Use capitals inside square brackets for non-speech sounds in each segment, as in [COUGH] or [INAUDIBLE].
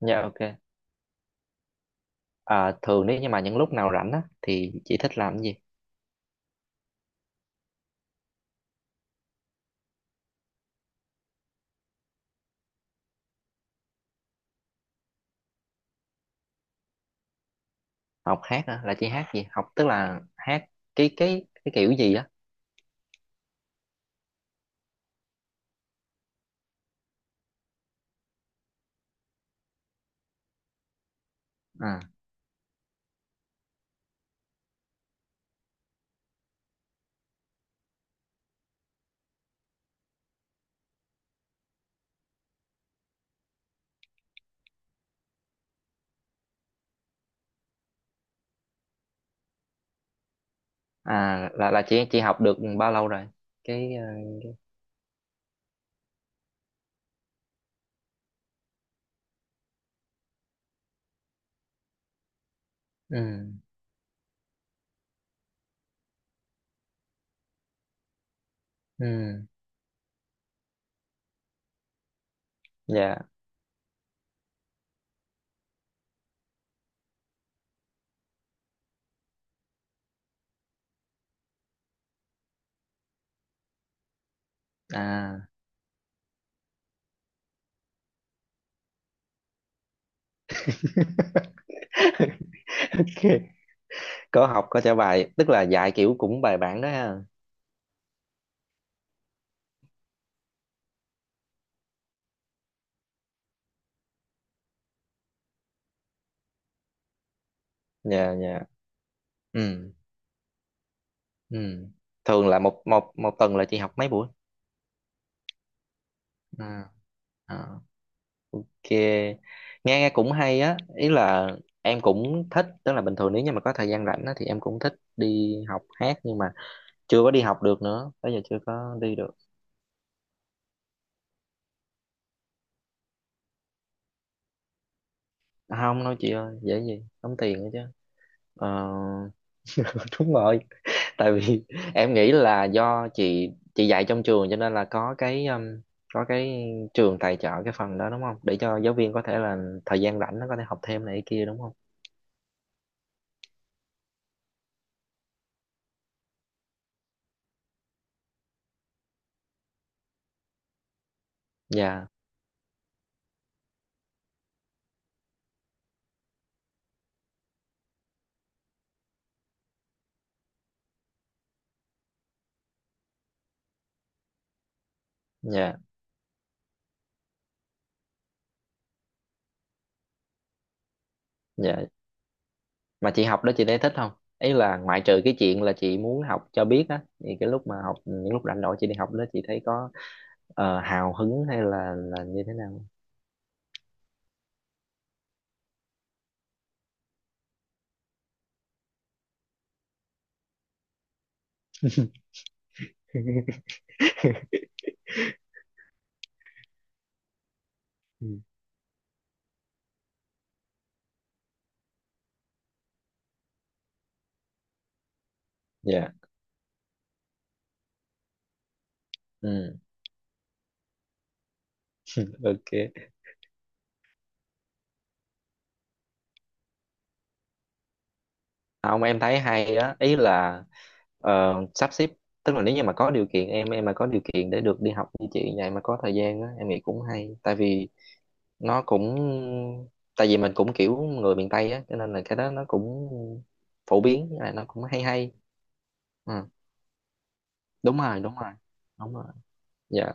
Dạ ok. À, thường nếu như mà những lúc nào rảnh á thì chị thích làm cái gì? Học hát á, là chị hát gì? Học tức là hát cái kiểu gì á? À, là chị học được bao lâu rồi? Cái ờ, ừ ừ dạ à [LAUGHS] ok. Có học có trả bài, tức là dạy kiểu cũng bài bản đó ha. Dạ dạ. Ừ ừ. Thường là một một một tuần là chị học mấy buổi? À, à, kìa, nghe nghe cũng hay á, ý là em cũng thích, tức là bình thường nếu như mà có thời gian rảnh á, thì em cũng thích đi học hát nhưng mà chưa có đi học được nữa, tới giờ chưa có đi được. À, không, nói chị ơi dễ gì tốn tiền nữa chứ. Ờ, [LAUGHS] đúng rồi, tại vì [LAUGHS] em nghĩ là do chị dạy trong trường cho nên là có cái trường tài trợ cái phần đó đúng không, để cho giáo viên có thể là thời gian rảnh nó có thể học thêm này kia đúng không. Dạ dạ dạ. Mà chị học đó chị thấy thích không? Ý là ngoại trừ cái chuyện là chị muốn học cho biết á, thì cái lúc mà học những lúc rảnh rỗi chị đi học đó chị thấy có hào hứng hay là như thế nào? Ừ. Dạ. Ừ. Ok, không em thấy hay á, ý là sắp xếp, tức là nếu như mà có điều kiện, em mà có điều kiện để được đi học như chị vậy mà có thời gian á, em nghĩ cũng hay, tại vì nó cũng, tại vì mình cũng kiểu người miền Tây á cho nên là cái đó nó cũng phổ biến, là nó cũng hay hay. Ừ. Đúng rồi, đúng rồi, đúng rồi. Dạ,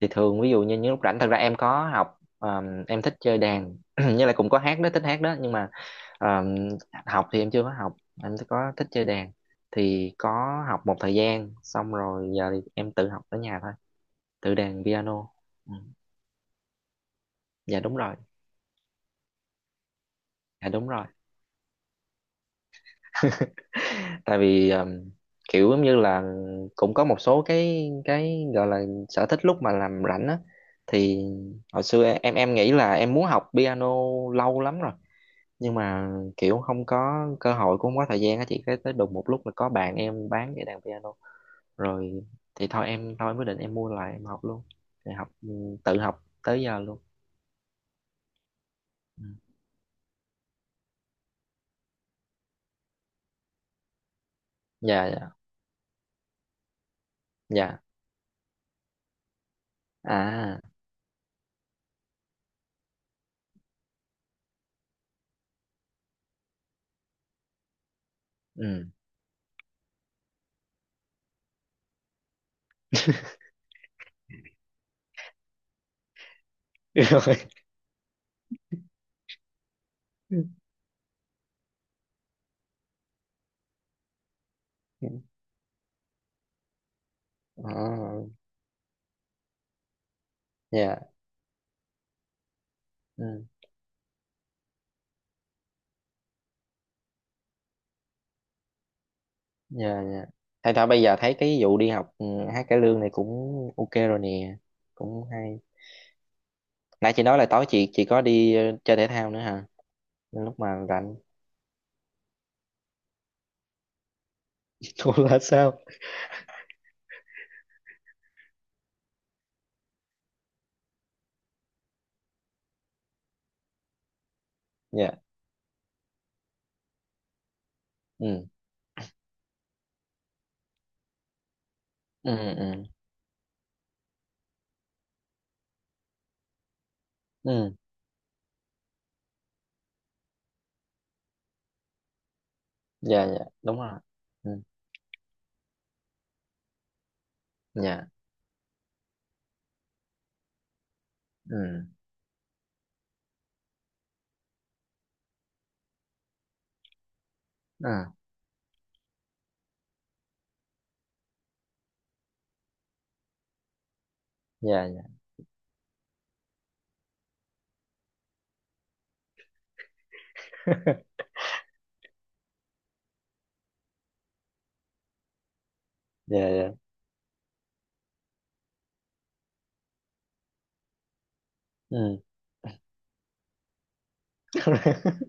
thì thường ví dụ như những lúc rảnh, thật ra em có học em thích chơi đàn [CLEARS THROAT] như là cũng có hát đó, thích hát đó nhưng mà ờm, học thì em chưa có học. Em có thích chơi đàn, thì có học một thời gian xong rồi giờ thì em tự học ở nhà thôi, tự đàn piano. Ừ. Dạ đúng rồi. Dạ đúng rồi. [LAUGHS] Tại vì kiểu giống như là cũng có một số cái gọi là sở thích lúc mà làm rảnh á, thì hồi xưa em nghĩ là em muốn học piano lâu lắm rồi, nhưng mà kiểu không có cơ hội, cũng không có thời gian á chị, cái tới đùng một lúc là có bạn em bán cái đàn piano rồi, thì thôi em, thôi em quyết định em mua lại, em học luôn. Thì học tự học tới giờ luôn. Ừ. Dạ dạ dạ. À. Ừ. [LAUGHS] Rồi. À, dạ. Ừ. Dạ dạ. Thay đó bây giờ thấy cái vụ đi học hát cải lương này cũng ok rồi nè, cũng hay. Nãy chị nói là tối chị có đi chơi thể thao nữa hả? Nên lúc mà rảnh. [LAUGHS] Cô là sao? Dạ. Ừ ừ ừ ừ. Dạ dạ đúng rồi. Ừ. Dạ. Ừ ừ. Dạ dạ. [LAUGHS] Dạ dạ. Ừ. [LAUGHS]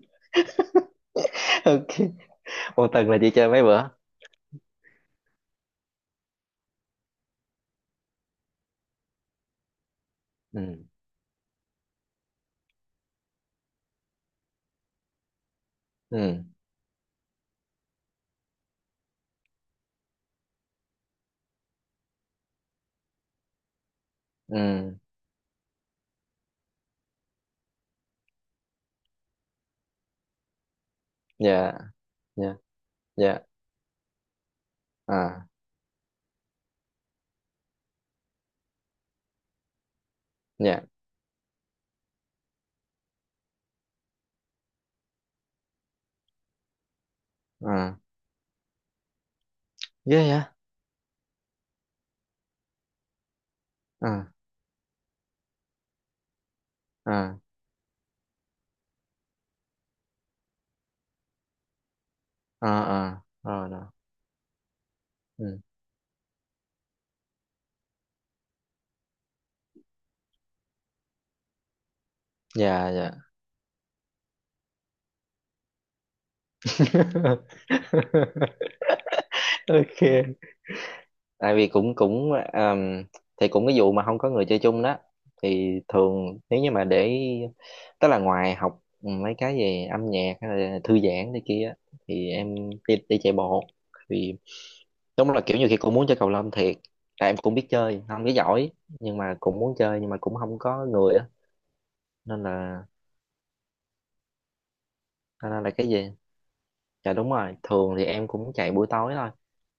Ok, một tuần là chị chơi mấy bữa? Ừ ừ ừ. Dạ dạ dạ. À. Dạ. À, ghê vậy. À à. À à. Rồi rồi. Ừ. Dạ dạ. [LAUGHS] Ok, tại vì cũng cũng thì cũng cái vụ mà không có người chơi chung đó. Thì thường nếu như mà để, tức là ngoài học mấy cái về âm nhạc hay là thư giãn này kia á, thì em đi, đi chạy bộ thì đúng là kiểu như khi cũng muốn chơi cầu lông thiệt, tại em cũng biết chơi không biết giỏi, nhưng mà cũng muốn chơi, nhưng mà cũng không có người á, nên là, nên là cái gì. Dạ đúng rồi, thường thì em cũng chạy buổi tối thôi,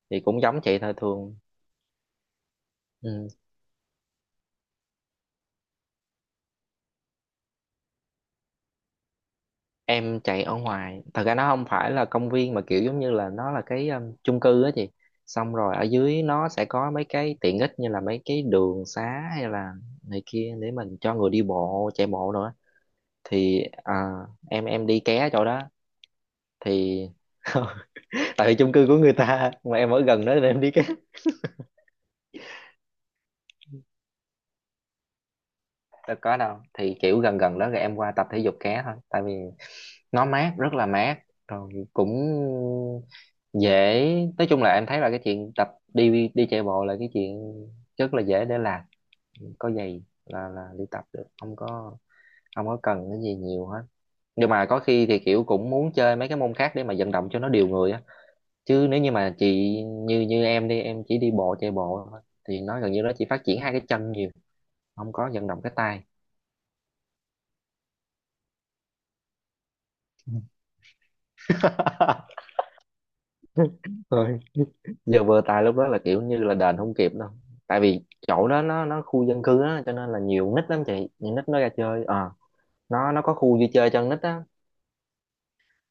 thì cũng giống chạy thôi thường. Ừ. Em chạy ở ngoài, thật ra nó không phải là công viên mà kiểu giống như là nó là cái chung cư á chị, xong rồi ở dưới nó sẽ có mấy cái tiện ích như là mấy cái đường xá hay là này kia để mình cho người đi bộ chạy bộ nữa, thì à, em đi ké chỗ đó thì [LAUGHS] tại vì chung cư của người ta mà em ở gần đó nên em đi ké. Đâu có đâu, thì kiểu gần gần đó rồi em qua tập thể dục ké thôi, tại vì nó mát, rất là mát, rồi cũng dễ. Nói chung là em thấy là cái chuyện tập đi, đi chạy bộ là cái chuyện rất là dễ để làm, có giày là đi tập được, không có, không có cần cái gì nhiều hết. Nhưng mà có khi thì kiểu cũng muốn chơi mấy cái môn khác để mà vận động cho nó điều người á, chứ nếu như mà chị như, như em đi em chỉ đi bộ chạy bộ thôi thì nó gần như nó chỉ phát triển hai cái chân nhiều, không có vận động cái tay. [LAUGHS] Ừ. Rồi. Giờ vừa tài lúc đó là kiểu như là đền không kịp đâu, tại vì chỗ đó nó khu dân cư á cho nên là nhiều nít lắm chị, nhiều nít nó ra chơi. Ờ, nó có khu vui chơi cho con nít á,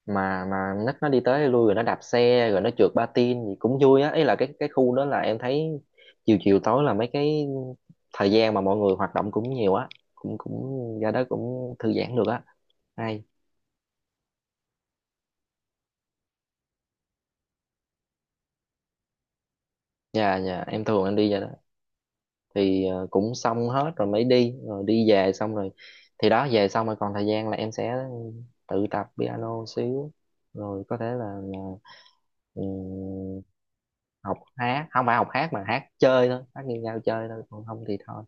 mà nít nó đi tới lui rồi nó đạp xe rồi nó trượt patin gì cũng vui á, ý là cái khu đó là em thấy chiều chiều tối là mấy cái thời gian mà mọi người hoạt động cũng nhiều á, cũng cũng ra đó cũng thư giãn được á, hay. Dạ dạ, em thường em đi ra đó thì cũng xong hết rồi mới đi, rồi đi về xong rồi thì đó, về xong rồi còn thời gian là em sẽ tự tập piano xíu, rồi có thể là ừ, học hát, không phải học hát mà hát chơi thôi, hát nghiêng nhau chơi thôi, còn không thì thôi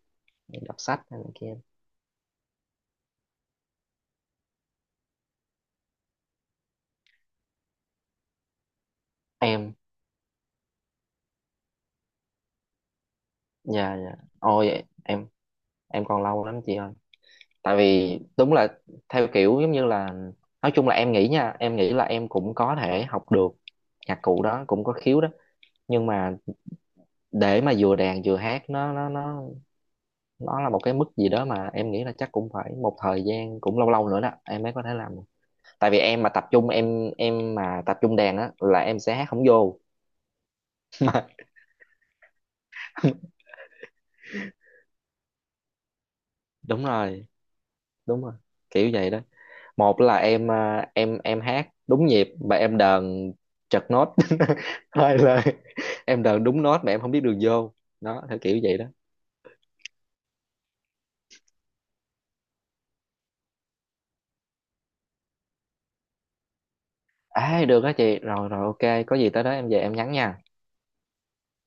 đọc sách hay này kia. Em. Dạ dạ ôi em còn lâu lắm chị ơi, tại vì đúng là theo kiểu giống như là, nói chung là em nghĩ nha, em nghĩ là em cũng có thể học được nhạc cụ đó, cũng có khiếu đó, nhưng mà để mà vừa đàn vừa hát nó nó là một cái mức gì đó mà em nghĩ là chắc cũng phải một thời gian cũng lâu lâu nữa đó em mới có thể làm được. Tại vì em mà tập trung, em mà tập trung đàn á là em sẽ hát không vô. [LAUGHS] Đúng rồi, đúng rồi, kiểu vậy đó. Một là em à, em hát đúng nhịp mà em đờn trật nốt, [LAUGHS] hai là em đờn đúng nốt mà em không biết đường vô, đó theo kiểu vậy đó. À được đó chị, rồi rồi ok, có gì tới đó em về em nhắn nha.